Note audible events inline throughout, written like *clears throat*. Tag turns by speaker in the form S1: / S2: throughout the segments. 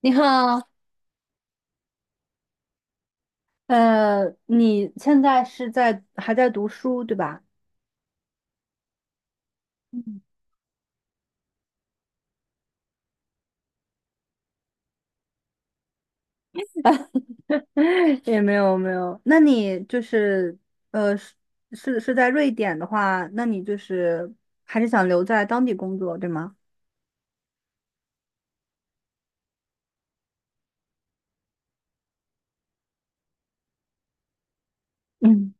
S1: 你好。你现在还在读书对吧？嗯 *laughs*，也没有没有，那你就是呃是是在瑞典的话，那你就是还是想留在当地工作对吗？嗯。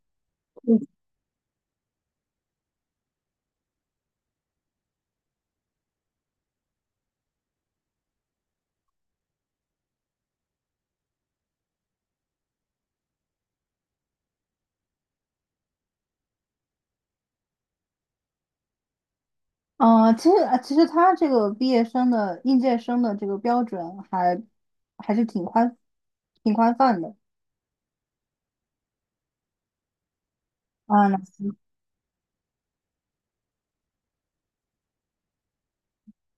S1: 其实他这个毕业生的应届生的这个标准还是挺宽泛的。啊，那行。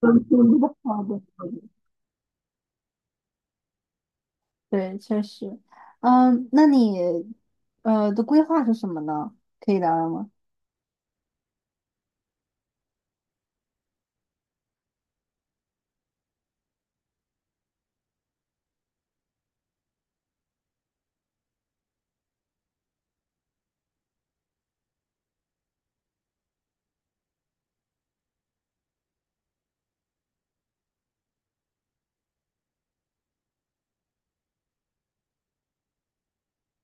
S1: 分数不好的。*laughs* 对，确实。嗯。那你的规划是什么呢？可以聊聊吗？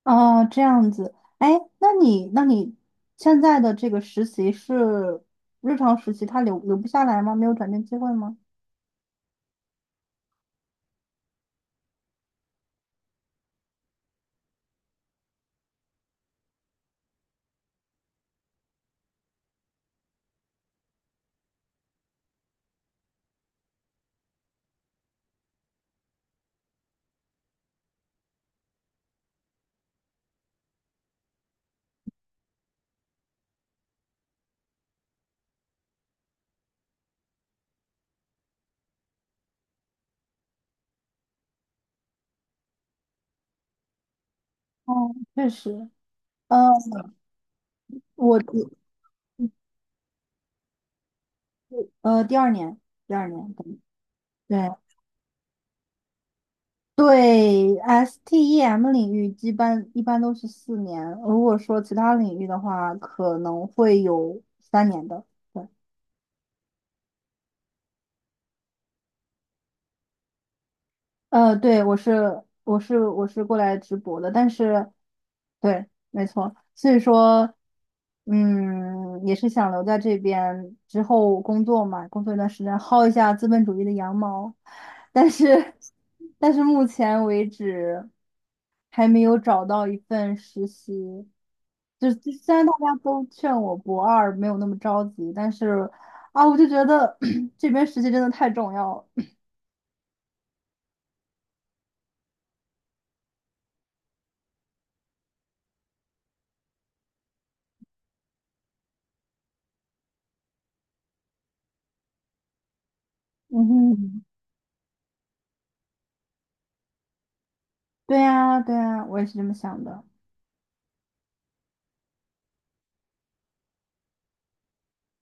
S1: 哦，这样子，哎，那你现在的这个实习是日常实习，它留不下来吗？没有转正机会吗？哦，确实。呃，我第二年，第二年。对对对，STEM 领域一般都是4年，如果说其他领域的话，可能会有3年的。对，对。我是过来直播的。但是，对，没错。所以说，也是想留在这边之后工作嘛，工作一段时间，薅一下资本主义的羊毛。但是，*laughs* 但是目前为止还没有找到一份实习。就虽然大家都劝我博二没有那么着急，但是啊，我就觉得 *clears throat* 这边实习真的太重要了。*laughs* 嗯哼。对呀，对呀，我也是这么想的。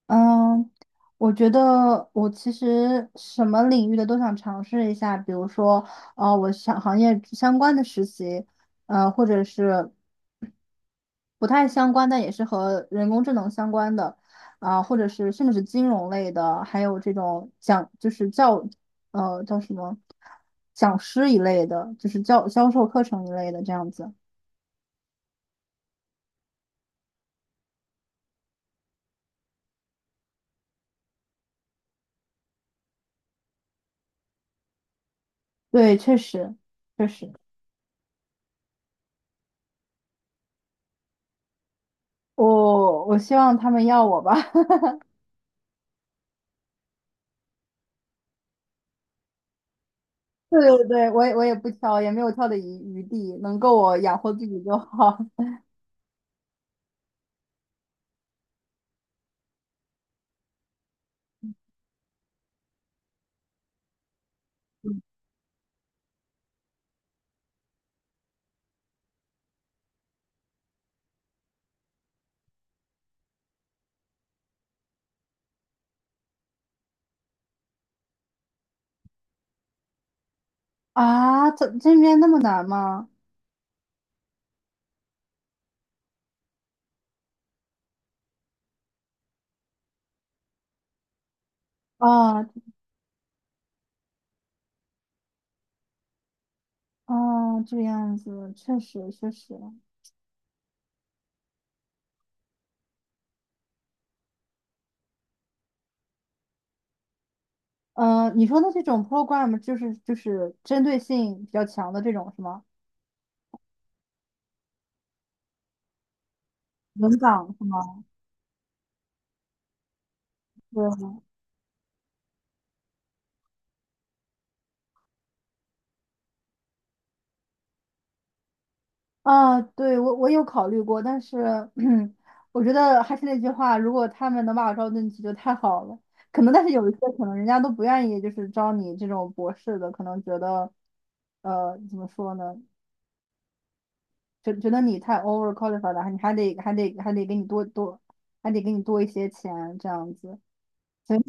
S1: 嗯。我觉得我其实什么领域的都想尝试一下。比如说，我想行业相关的实习，或者是不太相关，但也是和人工智能相关的。啊，或者是甚至是金融类的，还有这种讲就是教，叫什么讲师一类的，就是教销售课程一类的这样子。对，确实，确实。我希望他们要我吧。*laughs* 对对对。我也不挑，也没有挑的余地，能够我养活自己就好。*laughs* 啊，这边那么难吗？啊啊，这个样子确实确实。嗯，你说的这种 program 就是针对性比较强的这种是吗？轮岗是吗？对。啊，对。我有考虑过，但是 *clears throat* 我觉得还是那句话，如果他们能把我招进去就太好了。可能，但是有一些可能人家都不愿意，就是招你这种博士的，可能觉得，怎么说呢？觉得你太 over qualified 了，你还得给你还得给你多一些钱这样子。所以，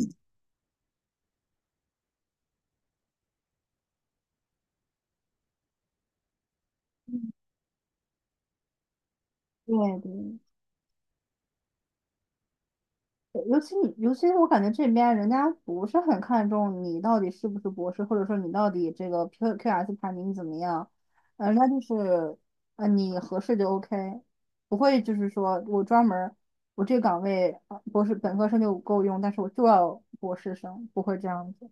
S1: 对对。尤其是我感觉这边人家不是很看重你到底是不是博士，或者说你到底这个 QS 排名怎么样。人家就是。你合适就 OK，不会就是说我专门儿我这个岗位博士本科生就够用，但是我就要博士生，不会这样子。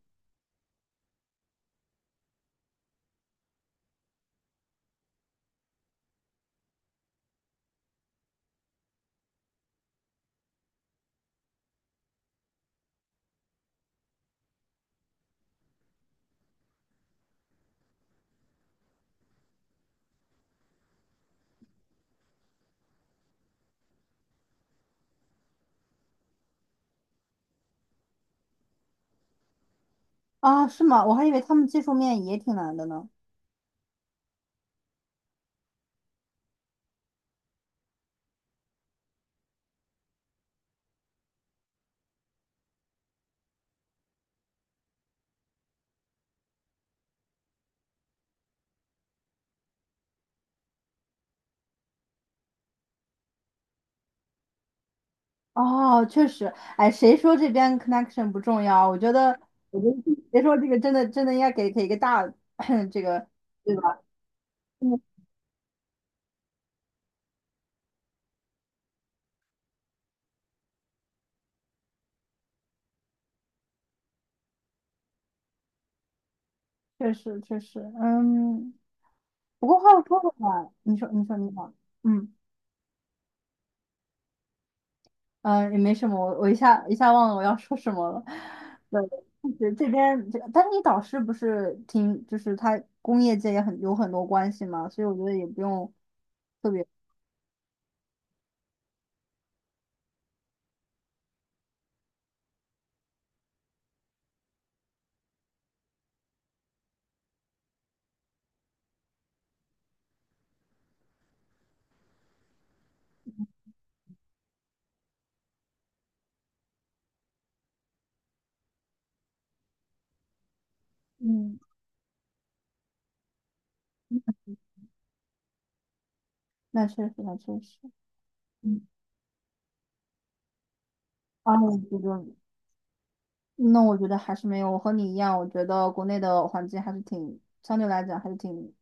S1: 啊？是吗？我还以为他们技术面也挺难的呢。哦，确实，哎，谁说这边 connection 不重要？我觉得 *laughs* 别说这个真的真的应该给一个大 *laughs* *clears throat* 这个。对吧？嗯，确实确实。嗯，不过话又说回来。你说你好。嗯嗯，也没什么。我一下忘了我要说什么了。对，这边这，但是你导师不是挺，就是他工业界也很有很多关系嘛，所以我觉得也不用特别。嗯，那确实，嗯，啊，我觉得还是没有，我和你一样。我觉得国内的环境还是挺，相对来讲还是挺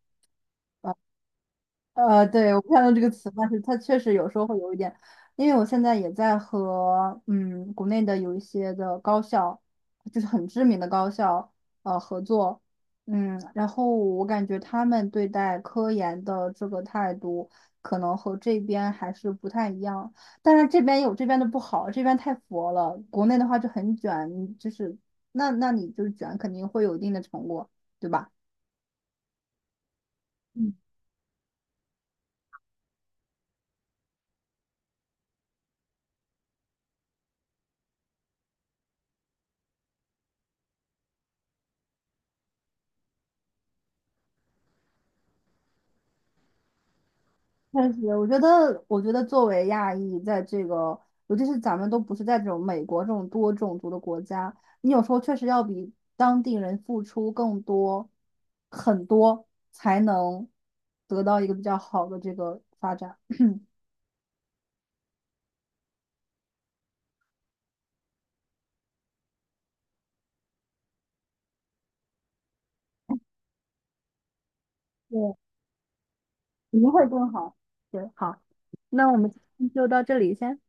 S1: 对，我看到这个词，但是它确实有时候会有一点。因为我现在也在和国内的有一些的高校，就是很知名的高校合作。嗯，然后我感觉他们对待科研的这个态度，可能和这边还是不太一样。但是这边有这边的不好，这边太佛了。国内的话就很卷，你就是那你就是卷肯定会有一定的成果，对吧？嗯。确实。我觉得作为亚裔，在这个，尤其是咱们都不是在这种美国这种多种族的国家，你有时候确实要比当地人付出更多，很多，才能得到一个比较好的这个发展。对，一定会更好。对，好，那我们今天就到这里先。